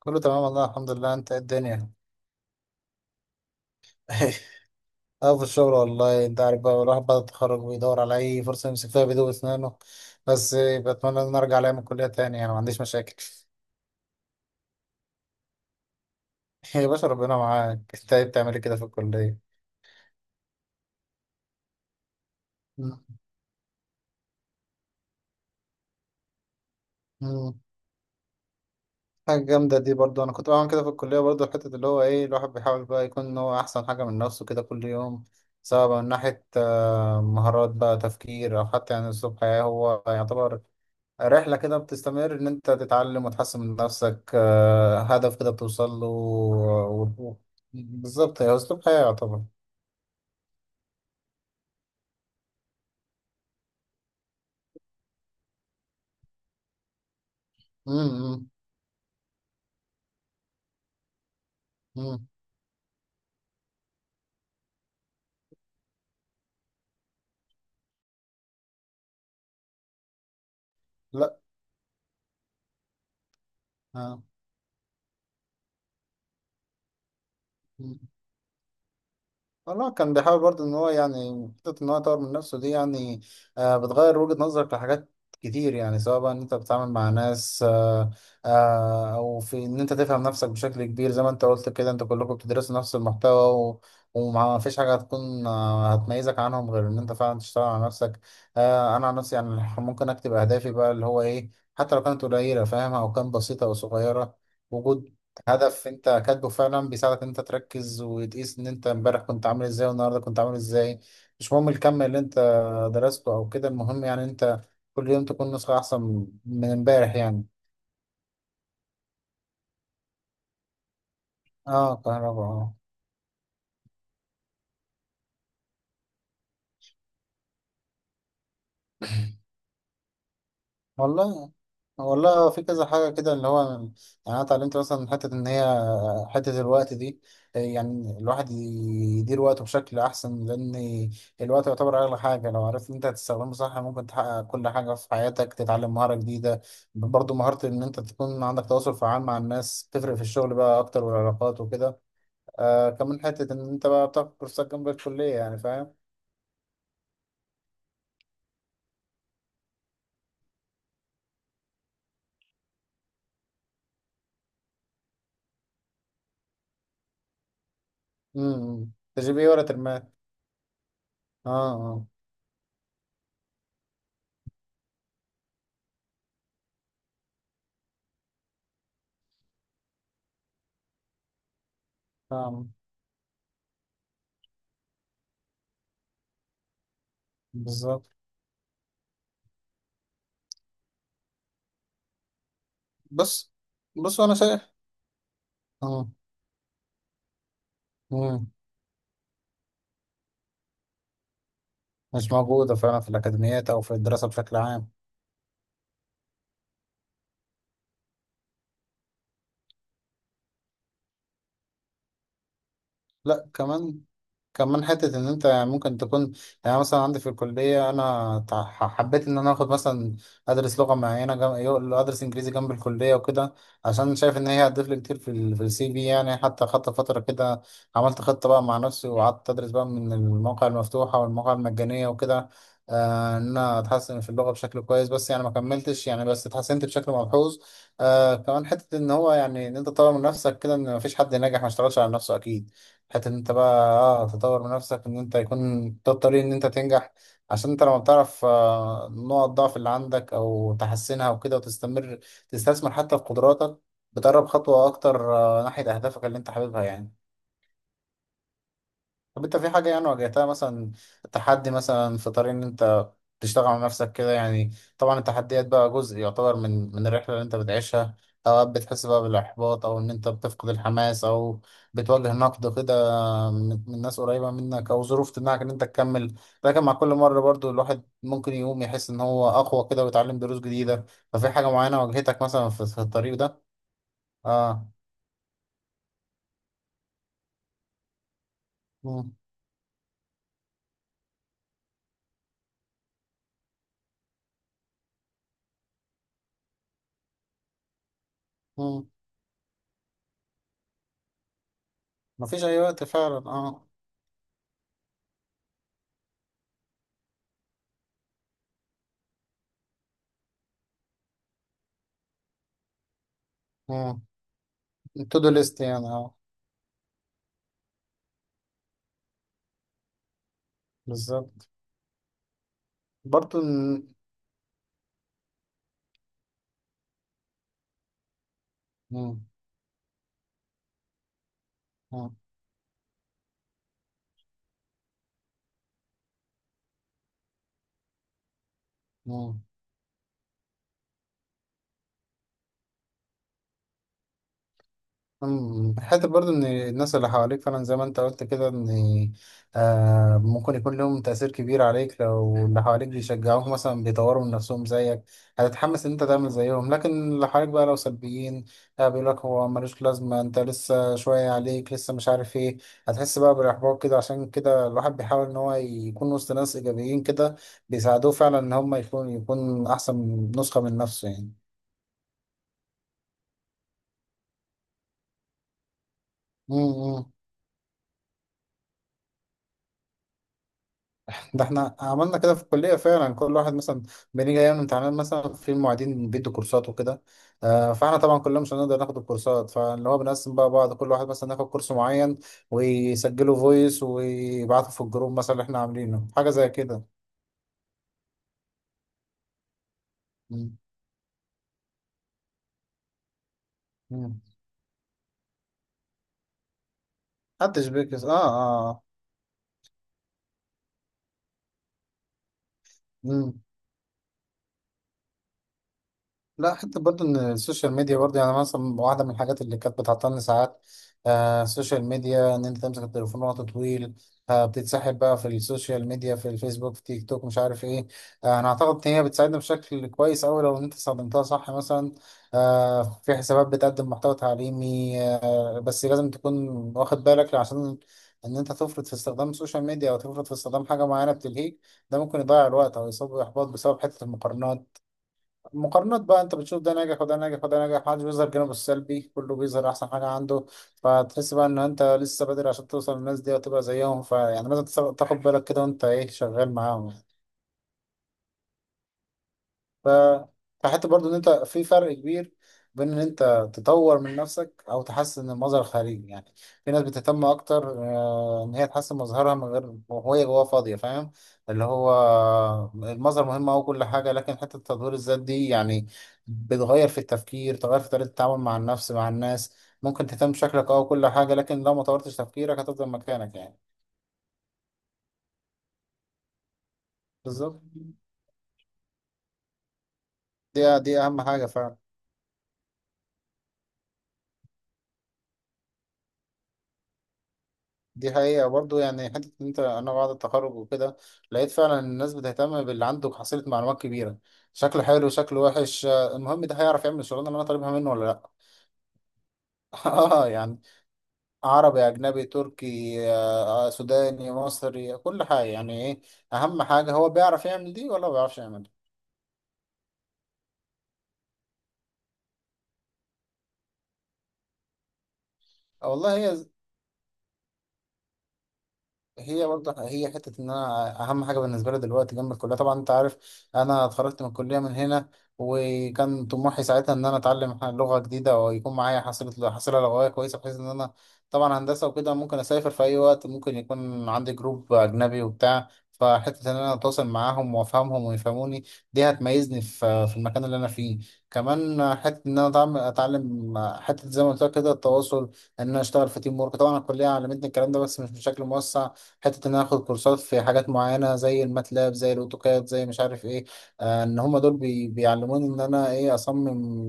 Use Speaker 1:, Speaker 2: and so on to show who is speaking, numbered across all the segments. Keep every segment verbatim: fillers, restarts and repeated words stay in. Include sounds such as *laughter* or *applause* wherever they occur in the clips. Speaker 1: كله تمام والله، الحمد لله. انت ايه الدنيا؟ *laughs* اه، في الشغل والله. انت عارف بقى الواحد بعد التخرج بيدور على اي فرصه يمسك فيها بيدوب اسنانه. بس بتمنى ان أنا ارجع لها من الكليه تاني، يعني ما عنديش مشاكل. *laughs* يا باشا ربنا معاك. انت ايه بتعمل إيه كده في الكليه؟ مم. مم. حاجه جامده دي برضو. انا كنت بعمل كده في الكليه برضو، حته اللي هو ايه، الواحد بيحاول بقى يكون إن هو احسن حاجه من نفسه كده كل يوم. سواء بقى من ناحيه آه، مهارات بقى تفكير او حتى يعني اسلوب حياه، هو يعتبر رحلة كده بتستمر إن أنت تتعلم وتحسن من نفسك، آه، هدف كده بتوصل له و... و... بالظبط، هي أسلوب حياة يعتبر. مم، مم، مم. لا. آه. إمم. والله كان بيحاول برضه ان هو يعني حتة ان هو يطور من نفسه دي يعني. آه بتغير وجهة نظرك لحاجات كتير، يعني سواء بقى ان انت بتتعامل مع ناس آه آه او في ان انت تفهم نفسك بشكل كبير، زي ما انت قلت كده انت كلكم بتدرسوا نفس المحتوى و... وما فيش حاجة هتكون آه هتميزك عنهم غير ان انت فعلا تشتغل على نفسك. آه انا عن نفسي، يعني ممكن اكتب اهدافي بقى اللي هو ايه، حتى لو كانت قليلة فاهم، او كانت بسيطة او صغيرة. وجود هدف انت كاتبه فعلا بيساعدك ان انت تركز وتقيس ان انت امبارح كنت عامل ازاي والنهارده كنت عامل ازاي. مش مهم الكم اللي انت درسته او كده، المهم يعني انت كل يوم تكون نسخة احسن من امبارح يعني. اه، كهرباء، اه. والله، والله في كذا حاجة كده اللي هو يعني. انا اتعلمت مثلا حتة ان هي حتة الوقت دي، آه، يعني الواحد يدير وقته بشكل أحسن، لأن الوقت يعتبر أغلى حاجة. لو عرفت إن أنت تستخدمه صح ممكن تحقق كل حاجة في حياتك، تتعلم مهارة جديدة، برضه مهارة إن أنت تكون عندك تواصل فعال مع الناس، تفرق في الشغل بقى أكتر والعلاقات وكده. آه كمان حتة إن أنت بقى بتاخد كورسات جنب الكلية، يعني فاهم؟ امم إمم. تجيب إيه ولا ترماه؟ آه، آه، فاهم. بالظبط. بص. بص أنا شايف. آه. مم. مش موجودة فعلا في الأكاديميات أو في الدراسة بشكل عام. لا، كمان كمان حتة إن أنت يعني ممكن تكون، يعني مثلا عندي في الكلية أنا تع- حبيت إن أنا آخد مثلا أدرس لغة معينة، جم... يو- أدرس إنجليزي جنب الكلية وكده، عشان شايف إن هي هتضيف لي كتير في ال... في السي في. يعني حتى خدت فترة كده، عملت خطة بقى مع نفسي وقعدت أدرس بقى من المواقع المفتوحة والمواقع المجانية وكده، آه، إن أنا أتحسن في اللغة بشكل كويس. بس يعني ما كملتش يعني، بس اتحسنت بشكل ملحوظ. آه كمان حتة إن هو يعني، إن أنت تطور من نفسك كده، إن مفيش حد ناجح ما اشتغلش على نفسه أكيد. حتى ان انت بقى اه تطور من نفسك، ان انت يكون ده الطريق ان انت تنجح. عشان انت لما بتعرف آه، نقط ضعف اللي عندك او تحسنها وكده، وتستمر تستثمر حتى في قدراتك، بتقرب خطوة اكتر آه، ناحية اهدافك اللي انت حاببها يعني. طب انت في حاجة يعني واجهتها مثلا، تحدي مثلا في طريق ان انت تشتغل على نفسك كده يعني؟ طبعا التحديات بقى جزء يعتبر من من الرحلة اللي انت بتعيشها. اوقات بتحس بقى بالاحباط، او ان انت بتفقد الحماس، او بتواجه نقد كده من من ناس قريبة منك، أو ظروف تمنعك إن أنت تكمل. لكن مع كل مرة برضو الواحد ممكن يقوم يحس إن هو أقوى كده ويتعلم دروس جديدة. ففي حاجة معينة واجهتك مثلا في, في الطريق ده؟ آه. مم. مم. مفيش أي وقت فعلا. آه. تو دو ليست يعني آه بالظبط. برضو إن- مم. مم. مم. أمم، حتى برضو ان الناس اللي حواليك فعلا زي ما انت قلت كده، ان آه ممكن يكون لهم تأثير كبير عليك. لو اللي حواليك بيشجعوك مثلا بيطوروا من نفسهم زيك، هتتحمس ان انت تعمل زيهم. لكن اللي حواليك بقى لو سلبيين، آه بيقول لك هو ملوش لازمة، انت لسه شوية عليك لسه، مش عارف ايه، هتحس بقى بالاحباط كده. عشان كده الواحد بيحاول ان هو يكون وسط ناس ايجابيين كده، بيساعدوه فعلا ان هم يكون يكون احسن نسخة من نفسه يعني. أمم، أمم. ده احنا عملنا كده في الكلية فعلا. كل واحد مثلا بنيجي ايام الامتحانات مثلا، في المعيدين بيدوا كورسات وكده، آه، فاحنا طبعا كلنا مش هنقدر ناخد الكورسات، فاللي هو بنقسم بقى، بعض كل واحد مثلا ياخد كورس معين ويسجله فويس ويبعته في الجروب مثلا اللي احنا عاملينه، حاجة زي كده. مم. مم. محدش بيكس، اه، اه، آه. مم. لا، حتى برضه ان السوشيال ميديا برضه يعني، مثلا واحده من الحاجات اللي كانت بتعطلني ساعات. آه السوشيال ميديا، ان انت تمسك التليفون وقت طويل، آه بتتسحب بقى في السوشيال ميديا، في الفيسبوك، في تيك توك، مش عارف ايه. آه انا اعتقد ان هي بتساعدنا بشكل كويس اوي لو انت استخدمتها صح. مثلا آه في حسابات بتقدم محتوى تعليمي، آه بس لازم تكون واخد بالك، عشان ان انت تفرط في استخدام السوشيال ميديا او تفرط في استخدام حاجه معينه بتلهيك، ده ممكن يضيع الوقت او يصاب باحباط بسبب حته المقارنات. مقارنات بقى، انت بتشوف ده ناجح وده ناجح وده ناجح، محدش بيظهر جانبه السلبي، كله بيظهر احسن حاجه عنده. فتحس بقى ان انت لسه بدري عشان توصل للناس دي وتبقى زيهم. فيعني لازم تس- تاخد بالك كده وانت ايه شغال معاهم. ف فحتى برضو ان انت في فرق كبير بين ان انت تطور من نفسك او تحسن المظهر الخارجي يعني. في ناس بتهتم اكتر آه، ان هي تحسن مظهرها من غير، وهي جواها فاضيه فاهم. اللي هو المظهر مهم او كل حاجه، لكن حته تطوير الذات دي يعني بتغير في التفكير، تغير في طريقه التعامل مع النفس مع الناس. ممكن تهتم بشكلك او كل حاجه، لكن لو ما طورتش تفكيرك هتفضل مكانك يعني. بالظبط. دي دي اهم حاجه فعلا. دي حقيقة برضه يعني، حتة إن أنت أنا بعد التخرج وكده لقيت فعلا إن الناس بتهتم باللي عنده حصيلة معلومات كبيرة. شكله حلو شكله وحش، آه، المهم ده هيعرف يعمل الشغلانة اللي أنا طالبها منه ولا لأ. *laughs* آه، يعني عربي، أجنبي، تركي، آه، سوداني، مصري، كل حاجة، يعني إيه أهم حاجة؟ هو بيعرف يعمل دي ولا ما بيعرفش يعمل دي. آه، والله، هي هي برضه، هي حتة إن أنا أهم حاجة بالنسبة لي دلوقتي جنب الكلية. طبعا أنت عارف أنا اتخرجت من الكلية من هنا، وكان طموحي ساعتها إن أنا أتعلم لغة جديدة ويكون معايا حصيلة حصيلة لغوية كويسة، بحيث إن أنا طبعا هندسة وكده ممكن أسافر في أي وقت، ممكن يكون عندي جروب أجنبي وبتاع. فحتة إن أنا أتواصل معاهم وأفهمهم ويفهموني، دي هتميزني في في المكان اللي أنا فيه. كمان حتة إن أنا أتعم- أتعلم حتة زي ما قلت لك كده التواصل، إن أنا أشتغل في تيم ورك. طبعا الكلية علمتني الكلام ده بس مش بشكل موسع. حتة إن أنا آخد كورسات في حاجات معينة زي الماتلاب، زي الأوتوكاد، زي مش عارف إيه، آه إن هما دول بي بيعلموني إن أنا إيه أصمم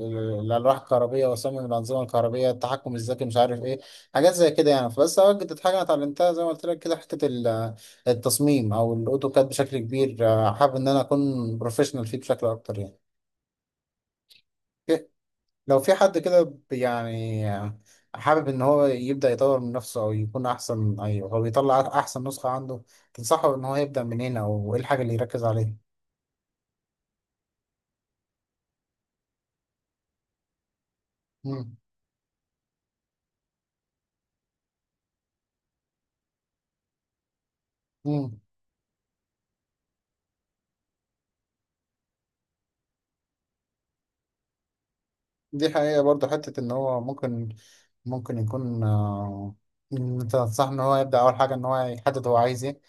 Speaker 1: ال- الألواح الكهربية، وأصمم الأنظمة الكهربية، التحكم الذكي، مش عارف إيه، حاجات زي كده يعني. فبس أوجدت حاجة أنا اتعلمتها زي ما قلت لك كده، حتة ال- التصميم أو الأوتوكاد بشكل كبير، آه، حابب إن أنا أكون بروفيشنال فيه بشكل أكتر يعني. لو في حد كده ب- يعني حابب ان هو يبدأ يطور من نفسه او يكون احسن، ايوه هو بيطلع احسن نسخة عنده، تنصحه ان هو يبدأ منين او ايه الحاجة اللي يركز عليها؟ مم. دي حقيقة برضه، حتة إن هو ممكن ممكن يكون، آه، إن أنت تنصح إن هو يبدأ أول حاجة إن هو يحدد هو عايز إيه.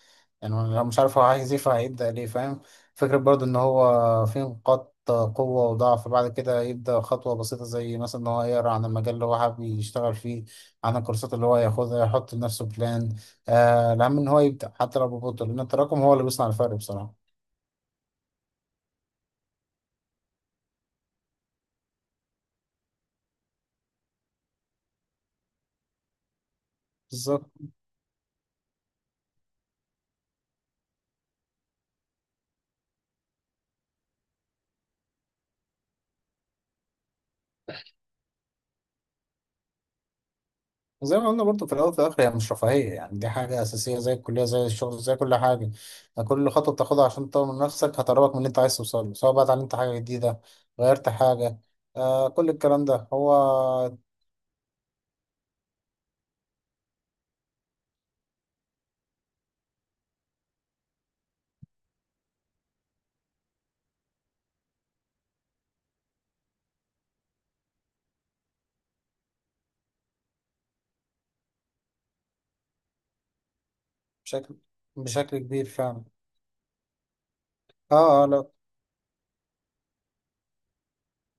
Speaker 1: يعني لو مش عارف هو عايز إيه فهيبدأ ليه، فاهم؟ فكرة برضه إن هو في نقاط قوة وضعف، بعد كده يبدأ خطوة بسيطة، زي مثلا إن هو يقرأ عن المجال اللي هو حابب يشتغل فيه، عن الكورسات اللي هو ياخدها، يحط لنفسه بلان. آه الأهم إن هو يبدأ حتى لو ببطء، لأن التراكم هو اللي بيصنع الفرق بصراحة. بالظبط. زي ما قلنا برضه في الأول وفي الآخر، هي مش رفاهية يعني، دي حاجة أساسية زي الكلية، زي الشغل، زي كل حاجة. كل خطوة بتاخدها عشان تطور من نفسك هتقربك من اللي أنت عايز توصله، سواء بقى اتعلمت حاجة جديدة، غيرت حاجة. آه كل الكلام ده هو بشكل بشكل كبير فعلا. اه، آه، لا،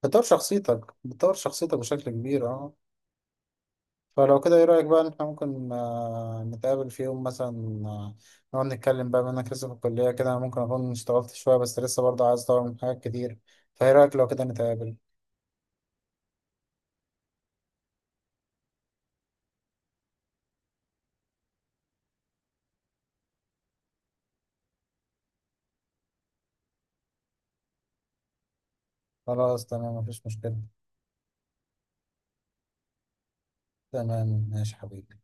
Speaker 1: بتطور شخصيتك بتطور شخصيتك بشكل كبير، اه. فلو كده ايه رأيك بقى إن احنا ممكن آه نتقابل في يوم مثلا، آه، نقعد نتكلم بقى، بما انك لسه في الكلية كده، ممكن اكون اشتغلت شوية بس لسه برضه عايز اطور من حاجات كتير. فايه رأيك لو كده نتقابل؟ خلاص تمام، مفيش مشكلة. تمام، ماشي حبيبي.